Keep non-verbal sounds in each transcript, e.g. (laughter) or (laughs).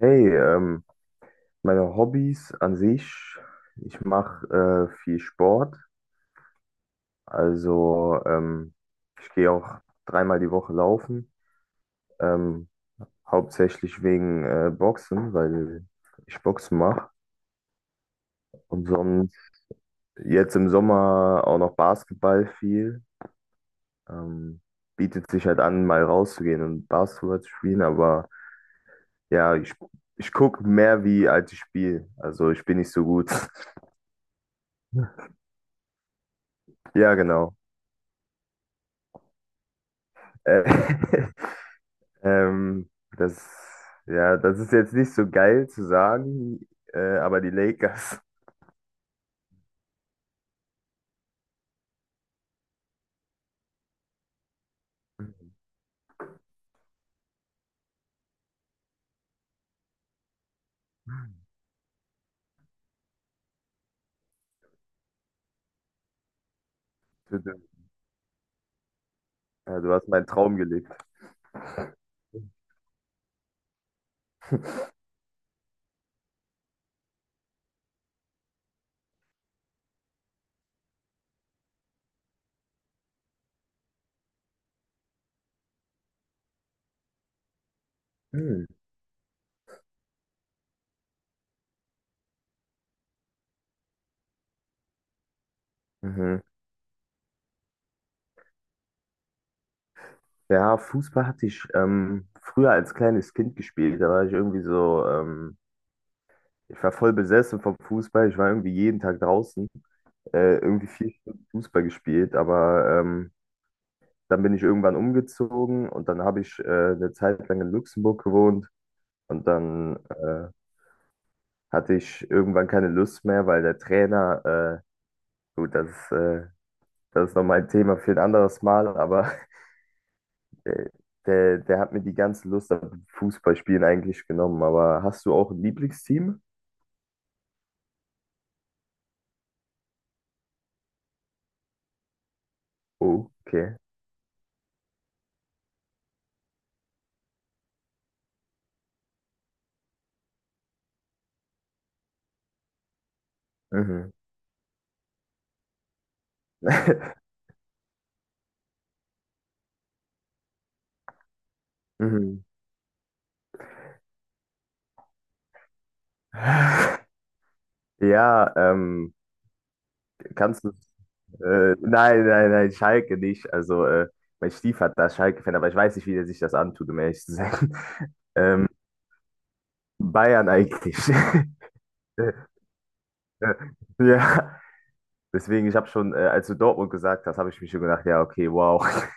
Hey, meine Hobbys an sich, ich mache viel Sport, also ich gehe auch dreimal die Woche laufen, ähm, hauptsächlich wegen Boxen, weil ich Boxen mache. Und sonst jetzt im Sommer auch noch Basketball viel. Ähm, Bietet sich halt an, mal rauszugehen und Basketball zu spielen, aber ja, ich gucke mehr wie als ich spiele, also ich bin nicht so gut. (laughs) Ja, genau. Äh, (laughs) Ähm, das, ja, das ist jetzt nicht so geil zu sagen, aber die Lakers. (laughs) Ja, du hast meinen Traum gelebt. Hm. Mhm. Ja, Fußball hatte ich früher als kleines Kind gespielt. Da war ich irgendwie so, ich war voll besessen vom Fußball. Ich war irgendwie jeden Tag draußen, irgendwie 4 Stunden Fußball gespielt. Aber dann bin ich irgendwann umgezogen und dann habe ich eine Zeit lang in Luxemburg gewohnt. Und dann hatte ich irgendwann keine Lust mehr, weil der Trainer, äh, gut, das ist nochmal ein Thema für ein anderes Mal, aber (laughs) äh, der hat mir die ganze Lust am Fußballspielen eigentlich genommen. Aber hast du auch ein Lieblingsteam? Oh, okay. Mhm. (laughs) Mhm. Ja, kannst du. Nein, nein, nein, Schalke nicht. Also, mein Stiefvater ist Schalke-Fan, aber ich weiß nicht, wie der sich das antut, um ehrlich zu sein. (laughs) Ähm, Bayern eigentlich. (laughs) (laughs) Äh, Ja, deswegen, ich habe schon, als du Dortmund gesagt hast, habe ich mir schon gedacht, ja, okay, wow. (laughs)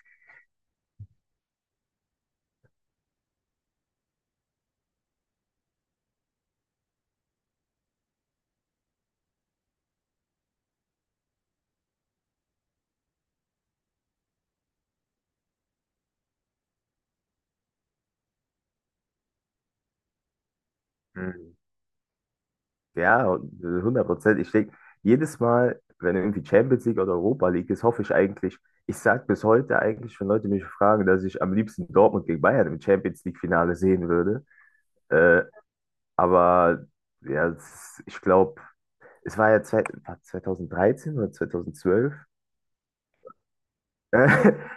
Mhm. Ja, und, Prozent. Ich denke, jedes Mal, wenn irgendwie Champions League oder Europa League ist, hoffe ich eigentlich, ich sage bis heute eigentlich, wenn Leute mich fragen, dass ich am liebsten Dortmund gegen Bayern im Champions League Finale sehen würde. Äh, aber ja, ich glaube, es war ja war 2013 oder 2012. Äh, (laughs)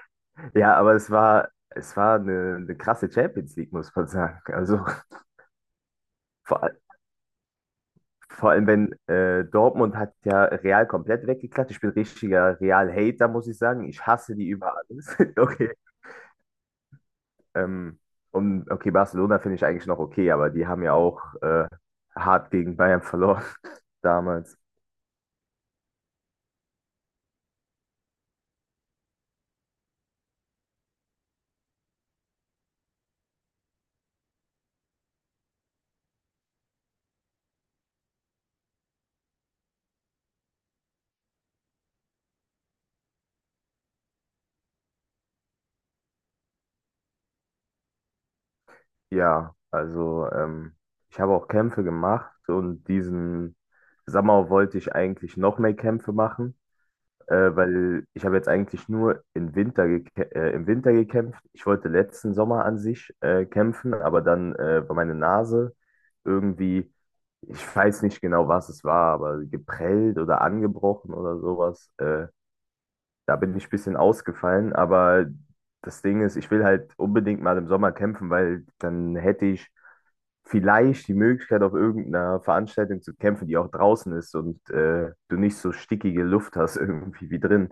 Ja, aber es war eine krasse Champions League, muss man sagen. Also vor, all- vor allem, wenn Dortmund hat ja Real komplett weggeklatscht. Ich bin richtiger Real-Hater, muss ich sagen. Ich hasse die über alles. (laughs) Okay. Ähm, und okay, Barcelona finde ich eigentlich noch okay, aber die haben ja auch hart gegen Bayern verloren (laughs) damals. Ja, also ich habe auch Kämpfe gemacht und diesen Sommer wollte ich eigentlich noch mehr Kämpfe machen, weil ich habe jetzt eigentlich nur im Winter, im Winter gekämpft. Ich wollte letzten Sommer an sich kämpfen, aber dann war meine Nase irgendwie, ich weiß nicht genau, was es war, aber geprellt oder angebrochen oder sowas. Da bin ich ein bisschen ausgefallen, aber das Ding ist, ich will halt unbedingt mal im Sommer kämpfen, weil dann hätte ich vielleicht die Möglichkeit, auf irgendeiner Veranstaltung zu kämpfen, die auch draußen ist und du nicht so stickige Luft hast (laughs) irgendwie wie drin.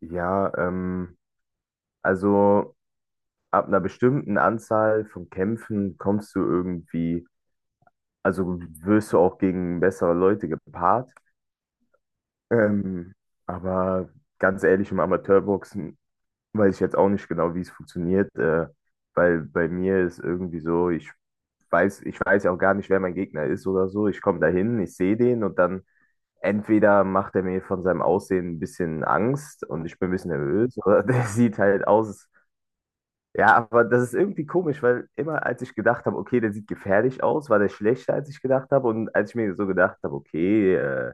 Ja, also ab einer bestimmten Anzahl von Kämpfen kommst du irgendwie, also wirst du auch gegen bessere Leute gepaart. Ähm, aber ganz ehrlich, im Amateurboxen weiß ich jetzt auch nicht genau, wie es funktioniert, weil bei mir ist irgendwie so, ich weiß ja auch gar nicht, wer mein Gegner ist oder so. Ich komme dahin, ich sehe den und dann entweder macht er mir von seinem Aussehen ein bisschen Angst und ich bin ein bisschen nervös oder (laughs) der sieht halt aus. Ja, aber das ist irgendwie komisch, weil immer als ich gedacht habe, okay, der sieht gefährlich aus, war der schlechter, als ich gedacht habe. Und als ich mir so gedacht habe, okay,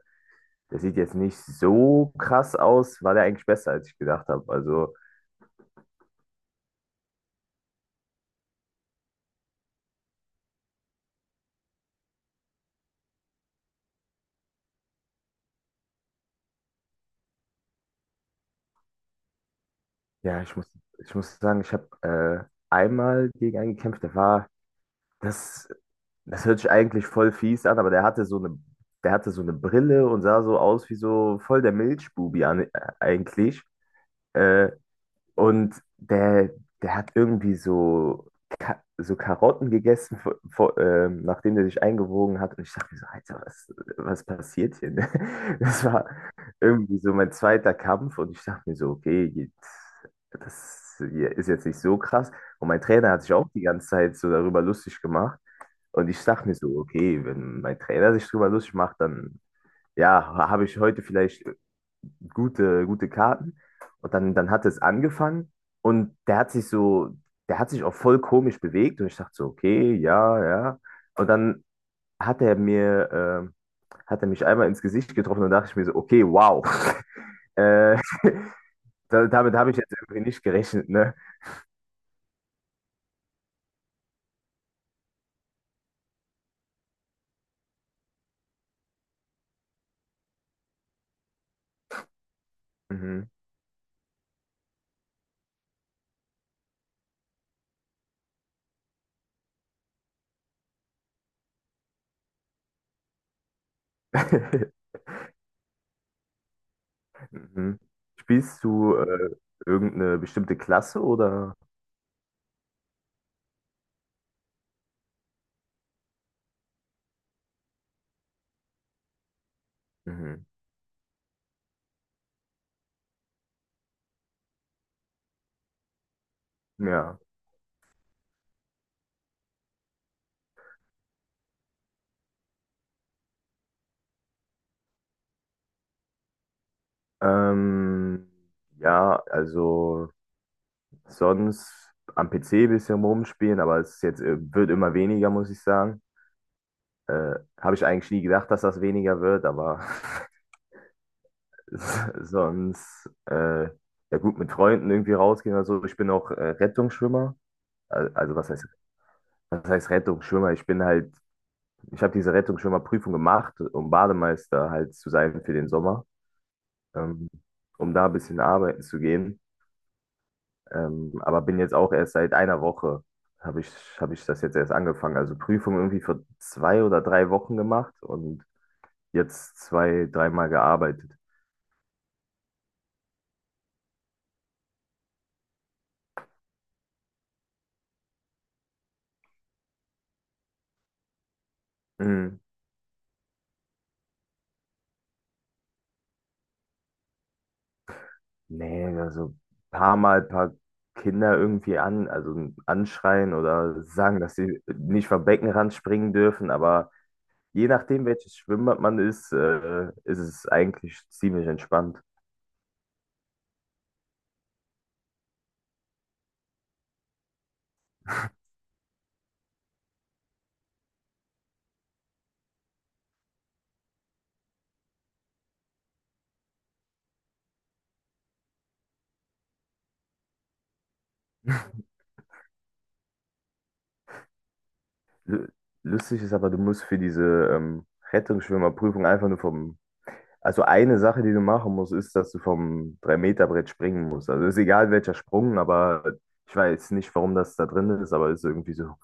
der sieht jetzt nicht so krass aus, war der eigentlich besser, als ich gedacht habe. Also ja, ich muss sagen, ich habe einmal gegen einen gekämpft, das, das hört sich eigentlich voll fies an, aber der hatte so eine Brille und sah so aus wie so voll der Milchbubi an, eigentlich. Äh, Und der hat irgendwie so, Ka so Karotten gegessen, nachdem der sich eingewogen hat. Und ich dachte mir so: Alter, was passiert hier? Ne? (laughs) Das war irgendwie so mein zweiter Kampf. Und ich dachte mir so, okay, jetzt, das hier ist jetzt nicht so krass. Und mein Trainer hat sich auch die ganze Zeit so darüber lustig gemacht. Und ich dachte mir so, okay, wenn mein Trainer sich darüber lustig macht, dann ja, habe ich heute vielleicht gute Karten. Und dann hat es angefangen und der hat sich auch voll komisch bewegt und ich dachte so, okay, ja, ja. Und dann hat er mich einmal ins Gesicht getroffen und dachte ich mir so, okay, wow. (laughs) Äh, (laughs) damit habe ich jetzt irgendwie nicht gerechnet, ne? Mhm. (laughs) Mhm. Spielst du irgendeine bestimmte Klasse oder? Mhm. Ja. Ähm, ja, also. Sonst am PC bisschen rumspielen, aber es ist jetzt, wird immer weniger, muss ich sagen. Habe ich eigentlich nie gedacht, dass das weniger wird, aber (laughs) sonst, ja gut, mit Freunden irgendwie rausgehen oder so. Ich bin auch Rettungsschwimmer. Also was heißt Rettungsschwimmer? Ich bin halt, ich habe diese Rettungsschwimmerprüfung gemacht, um Bademeister halt zu sein für den Sommer, ähm, um da ein bisschen arbeiten zu gehen. Aber bin jetzt auch erst seit einer Woche, habe ich, hab ich das jetzt erst angefangen. Also Prüfung irgendwie vor zwei oder drei Wochen gemacht und jetzt zwei, dreimal gearbeitet. Mhm. Nee, also ein paar Mal ein paar Kinder irgendwie an, also anschreien oder sagen, dass sie nicht vom Beckenrand springen dürfen, aber je nachdem, welches Schwimmbad man ist, ist es eigentlich ziemlich entspannt. (laughs) Lu- Lustig ist aber, du musst für diese ähm, Rettungsschwimmerprüfung einfach nur vom Also eine Sache, die du machen musst, ist, dass du vom 3-Meter-Brett springen musst. Also ist egal welcher Sprung, aber ich weiß nicht, warum das da drin ist, aber ist irgendwie so.